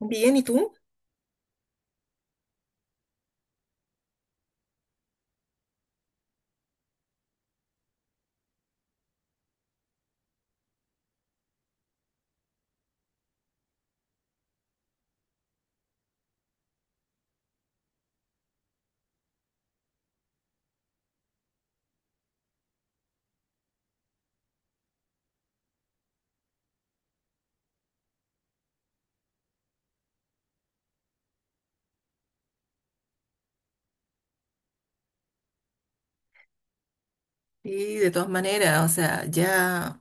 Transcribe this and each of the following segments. Bien, ¿y tú? Sí, de todas maneras, o sea, ya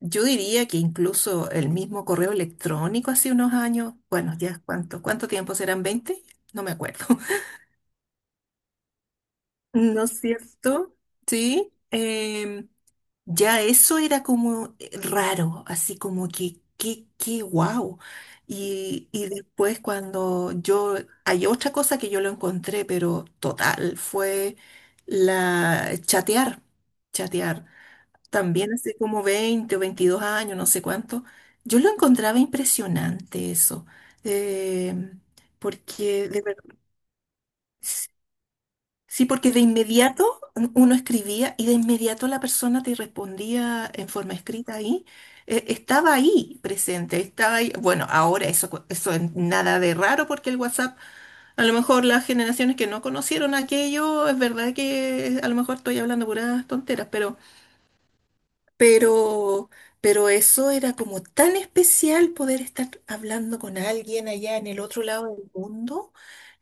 yo diría que incluso el mismo correo electrónico hace unos años, bueno, ya cuánto, ¿cuánto tiempo serán? Veinte. No me acuerdo. ¿No es cierto? Sí. Ya eso era como raro, así como que, qué, qué guau. Y después cuando yo, hay otra cosa que yo lo encontré, pero total, fue la chatear, chatear. También hace como 20 o 22 años, no sé cuánto, yo lo encontraba impresionante eso. Eh, Porque de verdad, sí, porque de inmediato uno escribía y de inmediato la persona te respondía en forma escrita ahí. Estaba ahí presente, estaba ahí. Bueno, ahora eso, eso es nada de raro porque el WhatsApp, a lo mejor las generaciones que no conocieron aquello, es verdad que a lo mejor estoy hablando puras tonteras, Pero, pero eso era como tan especial poder estar hablando con alguien allá en el otro lado del mundo.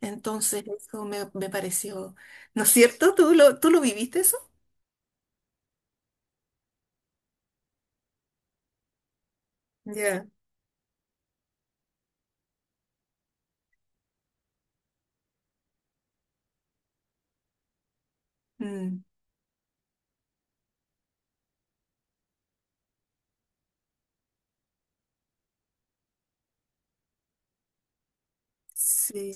Entonces eso me pareció, ¿no es cierto? ¿Tú tú lo viviste eso? Ya. Mm, sí.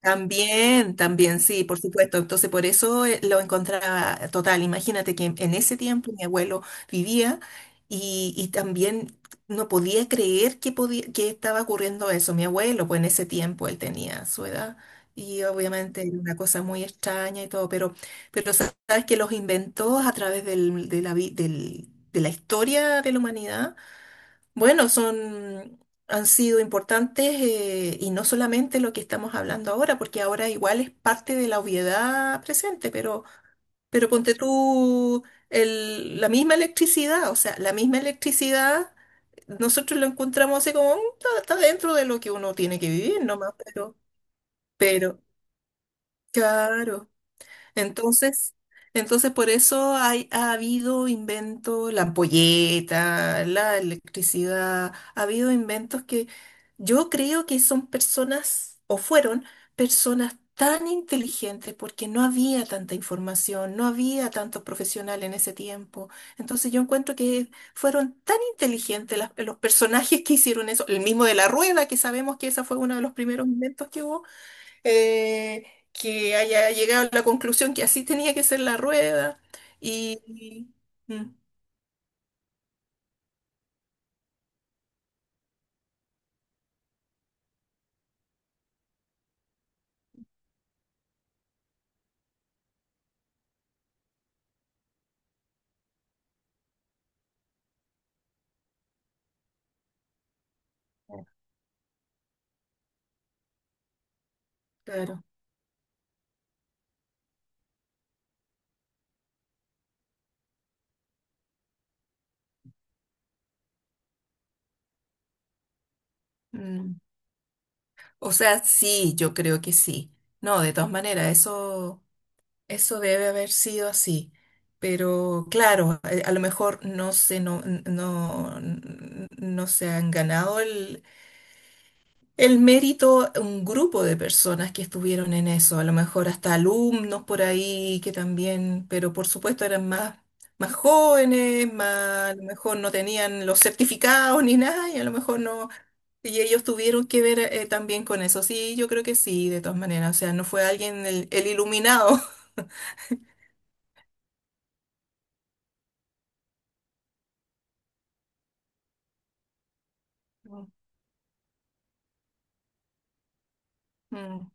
También, también, sí, por supuesto. Entonces, por eso lo encontraba total. Imagínate que en ese tiempo mi abuelo vivía y también no podía creer que, podía, que estaba ocurriendo eso. Mi abuelo, pues en ese tiempo él tenía su edad y obviamente era una cosa muy extraña y todo, pero sabes que los inventó a través de de la historia de la humanidad bueno, son, han sido importantes y no solamente lo que estamos hablando ahora, porque ahora igual es parte de la obviedad presente, pero ponte tú la misma electricidad, o sea, la misma electricidad, nosotros lo encontramos así como, "Mm, está, está dentro de lo que uno tiene que vivir nomás, pero, claro. Entonces, entonces por eso hay, ha habido inventos, la ampolleta, la electricidad, ha habido inventos que yo creo que son personas, o fueron personas tan inteligentes porque no había tanta información, no había tantos profesionales en ese tiempo. Entonces yo encuentro que fueron tan inteligentes los personajes que hicieron eso, el mismo de la rueda, que sabemos que esa fue uno de los primeros inventos que hubo eh, que haya llegado a la conclusión que así tenía que ser la rueda. Y, y- mm, claro. Mm. O sea, sí, yo creo que sí. No, de todas maneras, eso debe haber sido así. Pero claro, a lo mejor no se, no, no, no se han ganado el mérito, a un grupo de personas que estuvieron en eso, a lo mejor hasta alumnos por ahí que también, pero por supuesto eran más, más jóvenes, más, a lo mejor no tenían los certificados ni nada, y a lo mejor no, y ellos tuvieron que ver también con eso. Sí, yo creo que sí, de todas maneras, o sea, no fue alguien el iluminado. Mm, mm,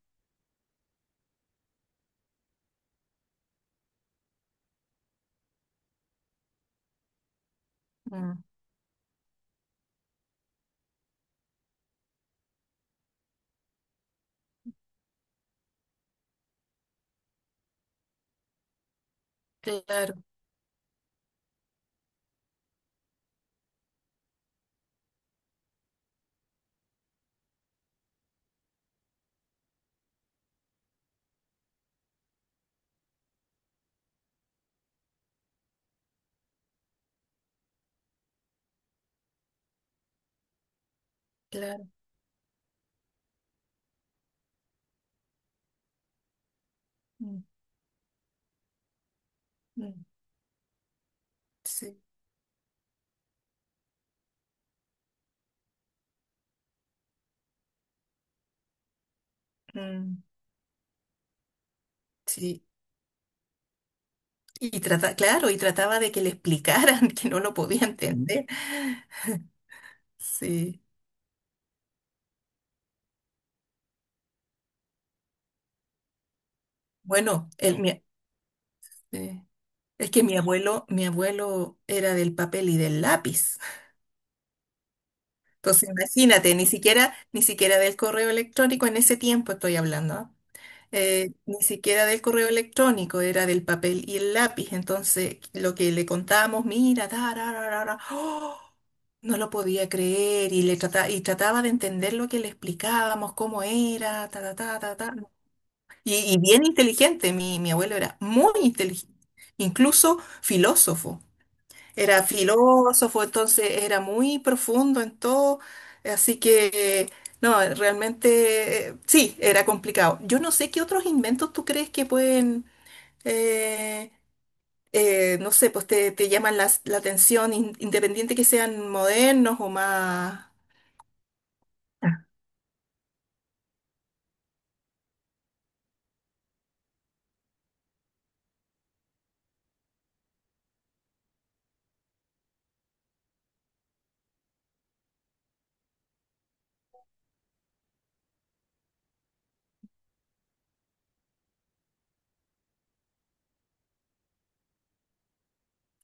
mm. Claro, claro. Mm, mm. Sí. Mm, sí. Y trata, claro, y trataba de que le explicaran que no lo podía entender. Sí. Bueno, eh, es que mi abuelo era del papel y del lápiz. Entonces, imagínate, ni siquiera, ni siquiera del correo electrónico en ese tiempo estoy hablando, ¿ah? Ni siquiera del correo electrónico, era del papel y el lápiz. Entonces, lo que le contábamos, mira, ta, ra, ra, ra, ra, ¡oh! No lo podía creer y le trataba, y trataba de entender lo que le explicábamos, cómo era, ta, ta, ta, ta, ta. Y bien inteligente, mi abuelo era muy inteligente, incluso filósofo. Era filósofo, entonces era muy profundo en todo, así que, no, realmente, sí, era complicado. Yo no sé qué otros inventos tú crees que pueden, eh, no sé, pues te llaman la atención, independiente que sean modernos o más...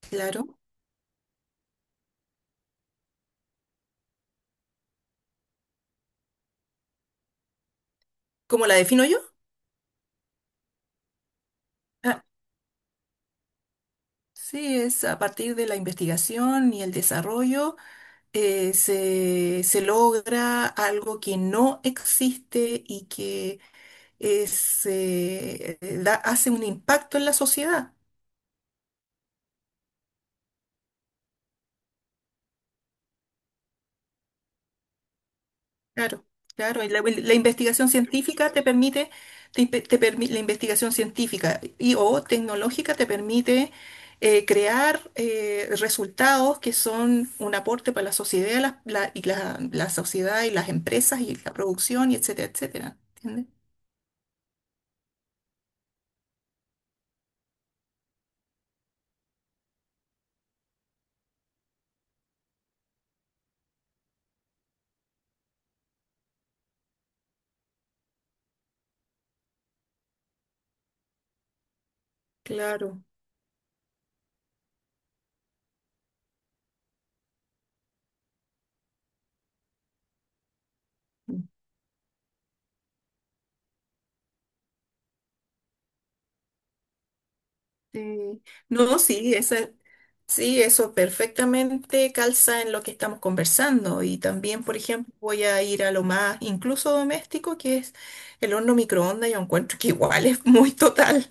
Claro. ¿Cómo la defino yo? Ah, sí, es a partir de la investigación y el desarrollo se logra algo que no existe y que es, hace un impacto en la sociedad. Claro, claro. Y la investigación científica te permite, te, impe- te permi- la investigación científica y o tecnológica te permite crear resultados que son un aporte para la sociedad, y la sociedad y las empresas y la producción, y etcétera, etcétera. ¿Entiendes? Claro. Sí. No, sí, esa, sí, eso perfectamente calza en lo que estamos conversando. Y también, por ejemplo, voy a ir a lo más incluso doméstico, que es el horno microondas. Yo encuentro que igual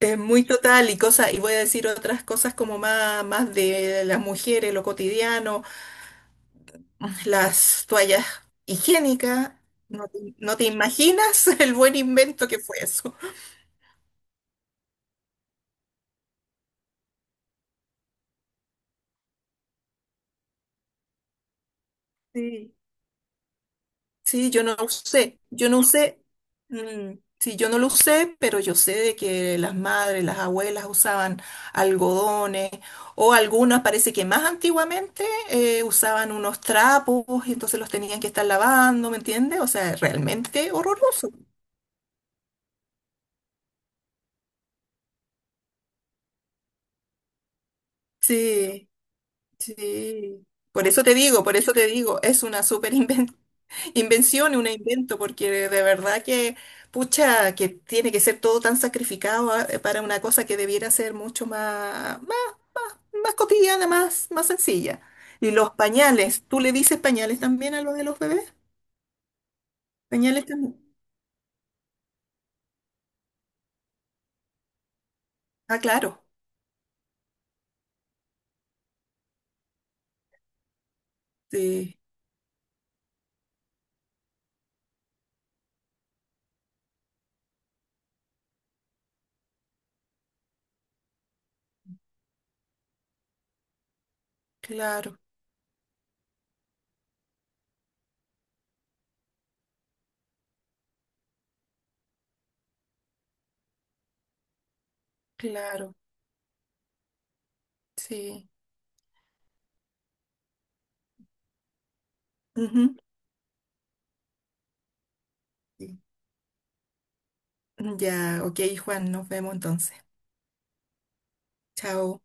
es muy total y cosas, y voy a decir otras cosas como más, más de las mujeres, lo cotidiano, las toallas higiénicas. No no te imaginas el buen invento que fue eso. Sí. Sí, yo no usé, mm, sí, yo no lo usé, pero yo sé de que las madres, las abuelas usaban algodones o algunas, parece que más antiguamente usaban unos trapos y entonces los tenían que estar lavando, ¿me entiendes? O sea, realmente horroroso. Sí, sí. Por eso te digo, por eso te digo, es una súper invención. Invención, y un invento, porque de verdad que, pucha, que tiene que ser todo tan sacrificado ah, para una cosa que debiera ser mucho más, más, más cotidiana, más, más sencilla. Y los pañales, ¿tú le dices pañales también a los de los bebés? Pañales también. Ah, claro. Sí, claro, claro, sí. Ujú. Sí. Ya, ok, Juan, nos vemos entonces. Chao.